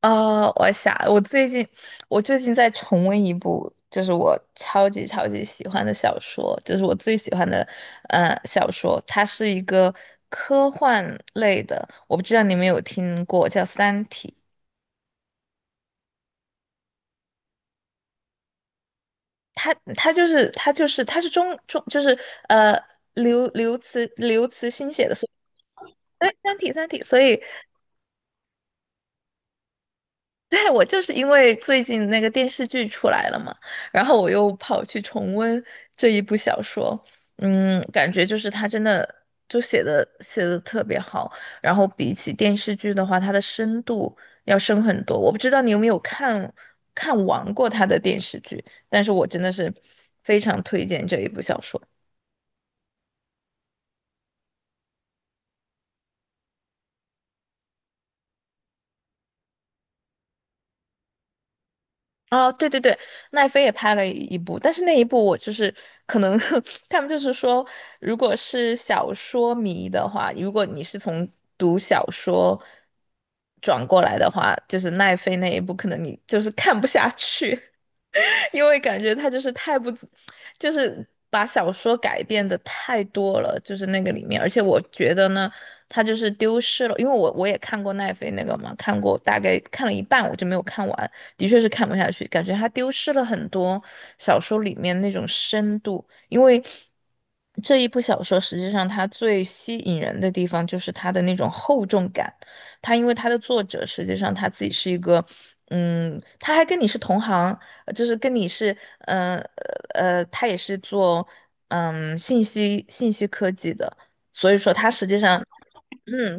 我想，我最近在重温一部，就是我超级超级喜欢的小说，就是我最喜欢的，小说。它是一个科幻类的，我不知道你们有听过，叫《三体》。它是中呃刘慈欣写的，所以《三体》，所以对，我就是因为最近那个电视剧出来了嘛，然后我又跑去重温这一部小说，嗯，感觉就是他真的就写的特别好，然后比起电视剧的话，它的深度要深很多。我不知道你有没有看完过他的电视剧，但是我真的是非常推荐这一部小说。哦，对对对，奈飞也拍了一部，但是那一部我就是可能 他们就是说，如果是小说迷的话，如果你是从读小说转过来的话，就是奈飞那一部，可能你就是看不下去。因为感觉他就是太不就是把小说改变的太多了，就是那个里面，而且我觉得呢，他就是丢失了，因为我也看过奈飞那个嘛，看过大概看了一半，我就没有看完，的确是看不下去，感觉他丢失了很多小说里面那种深度，因为。这一部小说实际上它最吸引人的地方就是它的那种厚重感，它因为它的作者实际上他自己是一个，嗯，他还跟你是同行，就是跟你是，他也是做信息科技的，所以说他实际上，嗯，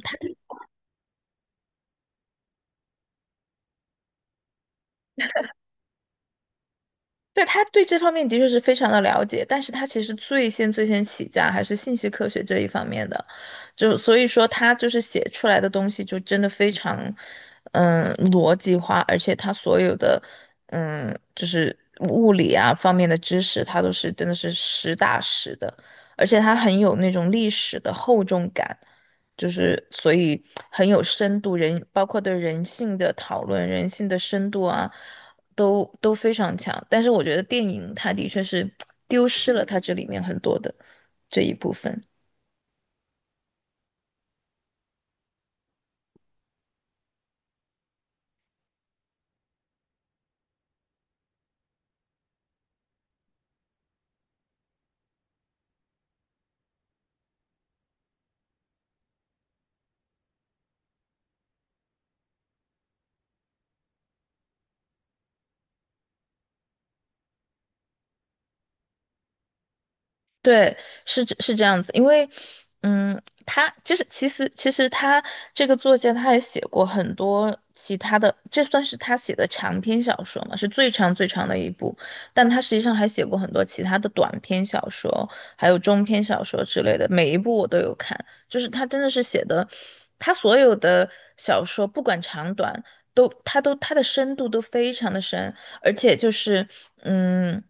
对，他对这方面的确是非常的了解，但是他其实最先起家还是信息科学这一方面的，就所以说他就是写出来的东西就真的非常，嗯，逻辑化，而且他所有的，嗯，就是物理啊方面的知识，他都是真的是实打实的，而且他很有那种历史的厚重感，就是所以很有深度，人包括对人性的讨论、人性的深度啊，都非常强。但是我觉得电影它的确是丢失了它这里面很多的这一部分。对，是这样子，因为，嗯，他就是其实他这个作家他也写过很多其他的，这算是他写的长篇小说嘛，是最长的一部，但他实际上还写过很多其他的短篇小说，还有中篇小说之类的，每一部我都有看，就是他真的是写的，他所有的小说不管长短。都，他都，他的深度都非常的深，而且就是，嗯，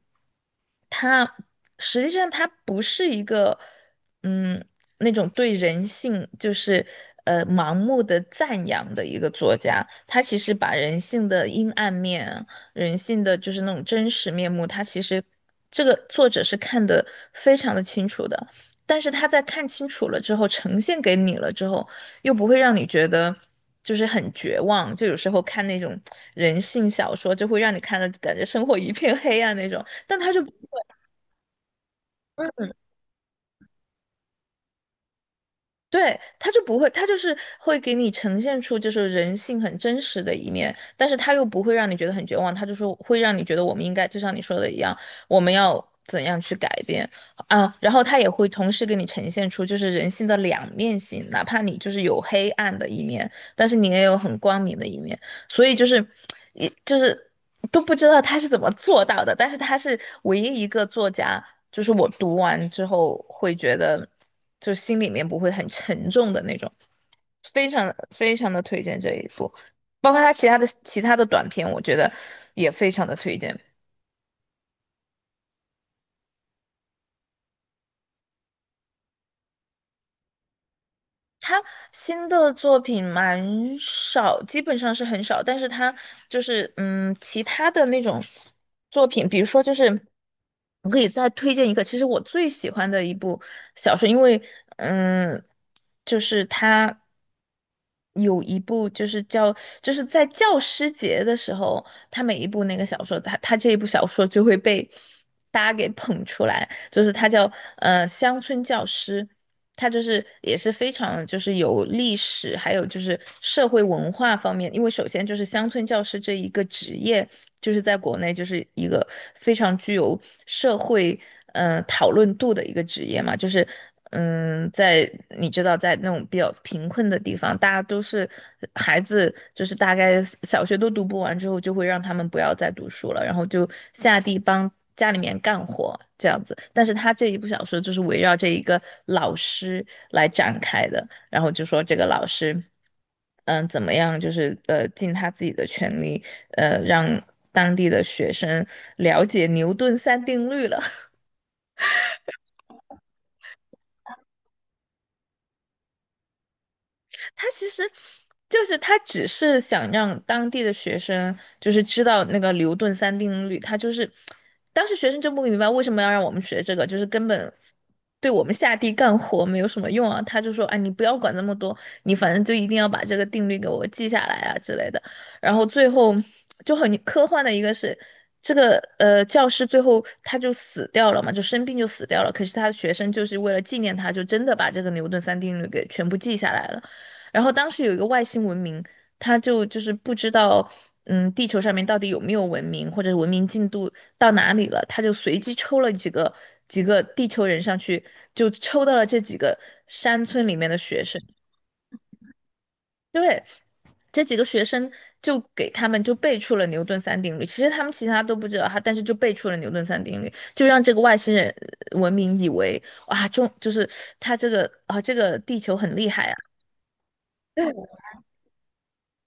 他实际上他不是一个，嗯，那种对人性就是盲目的赞扬的一个作家，他其实把人性的阴暗面、人性的就是那种真实面目，他其实这个作者是看得非常的清楚的。但是他在看清楚了之后，呈现给你了之后，又不会让你觉得就是很绝望。就有时候看那种人性小说，就会让你看的感觉生活一片黑暗那种，但他就不会。对，他就不会，他就是会给你呈现出就是人性很真实的一面，但是他又不会让你觉得很绝望，他就说会让你觉得我们应该就像你说的一样，我们要怎样去改变啊，然后他也会同时给你呈现出就是人性的两面性，哪怕你就是有黑暗的一面，但是你也有很光明的一面。所以就是，也就是都不知道他是怎么做到的，但是他是唯一一个作家，就是我读完之后会觉得，就心里面不会很沉重的那种，非常非常的推荐这一部，包括他其他的短片，我觉得也非常的推荐。他新的作品蛮少，基本上是很少，但是他就是嗯，其他的那种作品，比如说就是我可以再推荐一个，其实我最喜欢的一部小说，因为嗯，就是他有一部就是叫就是在教师节的时候，他每一部那个小说，他这一部小说就会被大家给捧出来。就是他叫乡村教师，他就是也是非常就是有历史，还有就是社会文化方面，因为首先就是乡村教师这一个职业，就是在国内就是一个非常具有社会。嗯、讨论度的一个职业嘛，就是嗯，在你知道，在那种比较贫困的地方，大家都是孩子，就是大概小学都读不完之后，就会让他们不要再读书了，然后就下地帮家里面干活这样子。但是他这一部小说就是围绕这一个老师来展开的，然后就说这个老师，嗯，怎么样，就是尽他自己的全力，让当地的学生了解牛顿三定律了。他其实就是他只是想让当地的学生就是知道那个牛顿三定律，他就是当时学生就不明白为什么要让我们学这个，就是根本对我们下地干活没有什么用啊。他就说，哎，你不要管那么多，你反正就一定要把这个定律给我记下来啊之类的。然后最后就很科幻的一个是。这个教师最后他就死掉了嘛，就生病就死掉了。可是他的学生就是为了纪念他，就真的把这个牛顿三定律给全部记下来了。然后当时有一个外星文明，就是不知道，嗯，地球上面到底有没有文明，或者文明进度到哪里了，他就随机抽了几个地球人上去，就抽到了这几个山村里面的学生。对，这几个学生就给他们就背出了牛顿三定律，其实他们其他都不知道，他但是就背出了牛顿三定律，就让这个外星人文明以为哇，中就是他这个啊，这个地球很厉害啊。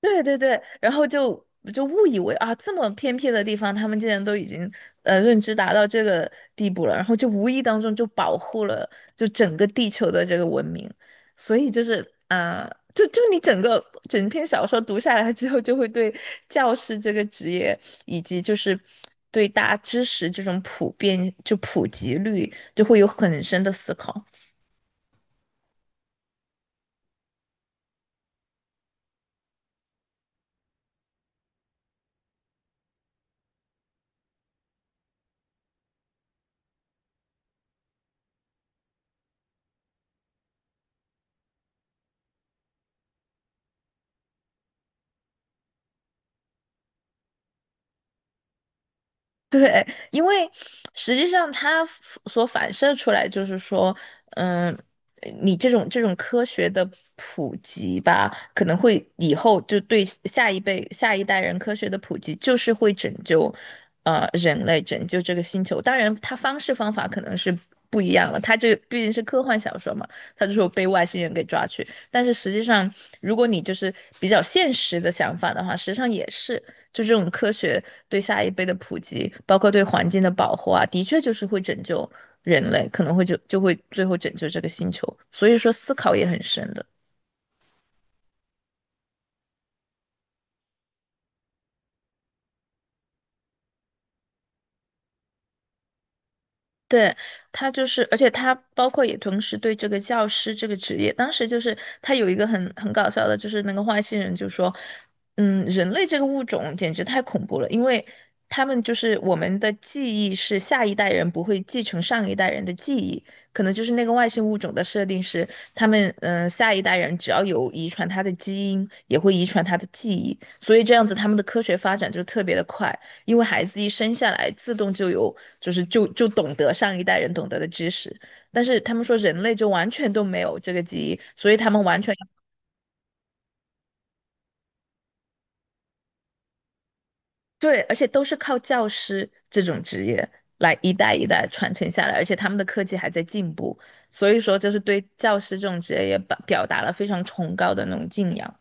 对对对，然后就误以为啊，这么偏僻的地方，他们竟然都已经认知达到这个地步了，然后就无意当中就保护了就整个地球的这个文明，所以就是啊，就你整篇小说读下来之后，就会对教师这个职业以及就是对大家知识这种普遍就普及率，就会有很深的思考。对，因为实际上它所反射出来就是说，嗯，你这种科学的普及吧，可能会以后就对下一辈、下一代人科学的普及，就是会拯救，人类拯救这个星球。当然，它方式方法可能是不一样了。它这毕竟是科幻小说嘛，它就说被外星人给抓去。但是实际上，如果你就是比较现实的想法的话，实际上也是。就这种科学对下一辈的普及，包括对环境的保护啊，的确就是会拯救人类，可能会就会最后拯救这个星球。所以说，思考也很深的。对，他就是，而且他包括也同时对这个教师这个职业，当时就是他有一个很搞笑的，就是那个外星人就说，嗯，人类这个物种简直太恐怖了，因为他们就是我们的记忆是下一代人不会继承上一代人的记忆，可能就是那个外星物种的设定是，他们嗯、下一代人只要有遗传他的基因，也会遗传他的记忆，所以这样子他们的科学发展就特别的快。因为孩子一生下来自动就有，就是就懂得上一代人懂得的知识，但是他们说人类就完全都没有这个记忆，所以他们完全对，而且都是靠教师这种职业来一代一代传承下来，而且他们的科技还在进步，所以说就是对教师这种职业也表达了非常崇高的那种敬仰。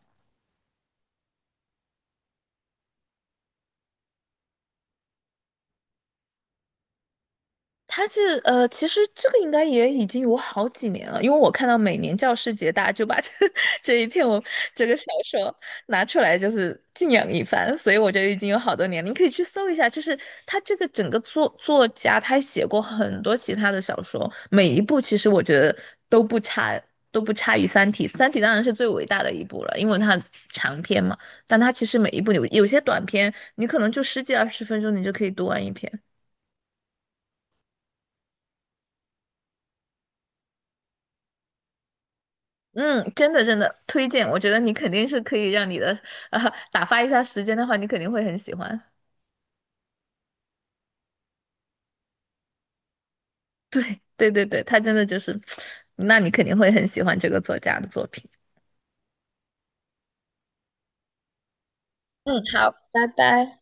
他是其实这个应该也已经有好几年了，因为我看到每年教师节，大家就把这 这一篇我这个小说拿出来，就是敬仰一番，所以我觉得已经有好多年了。你可以去搜一下，就是他这个整个作家，他写过很多其他的小说，每一部其实我觉得都不差，都不差于《三体》。《三体》当然是最伟大的一部了，因为它长篇嘛，但它其实每一部有些短篇，你可能就十几二十分钟，你就可以读完一篇。嗯，真的推荐，我觉得你肯定是可以让你的啊打发一下时间的话，你肯定会很喜欢。对对，他真的就是，那你肯定会很喜欢这个作家的作品。嗯，好，拜拜。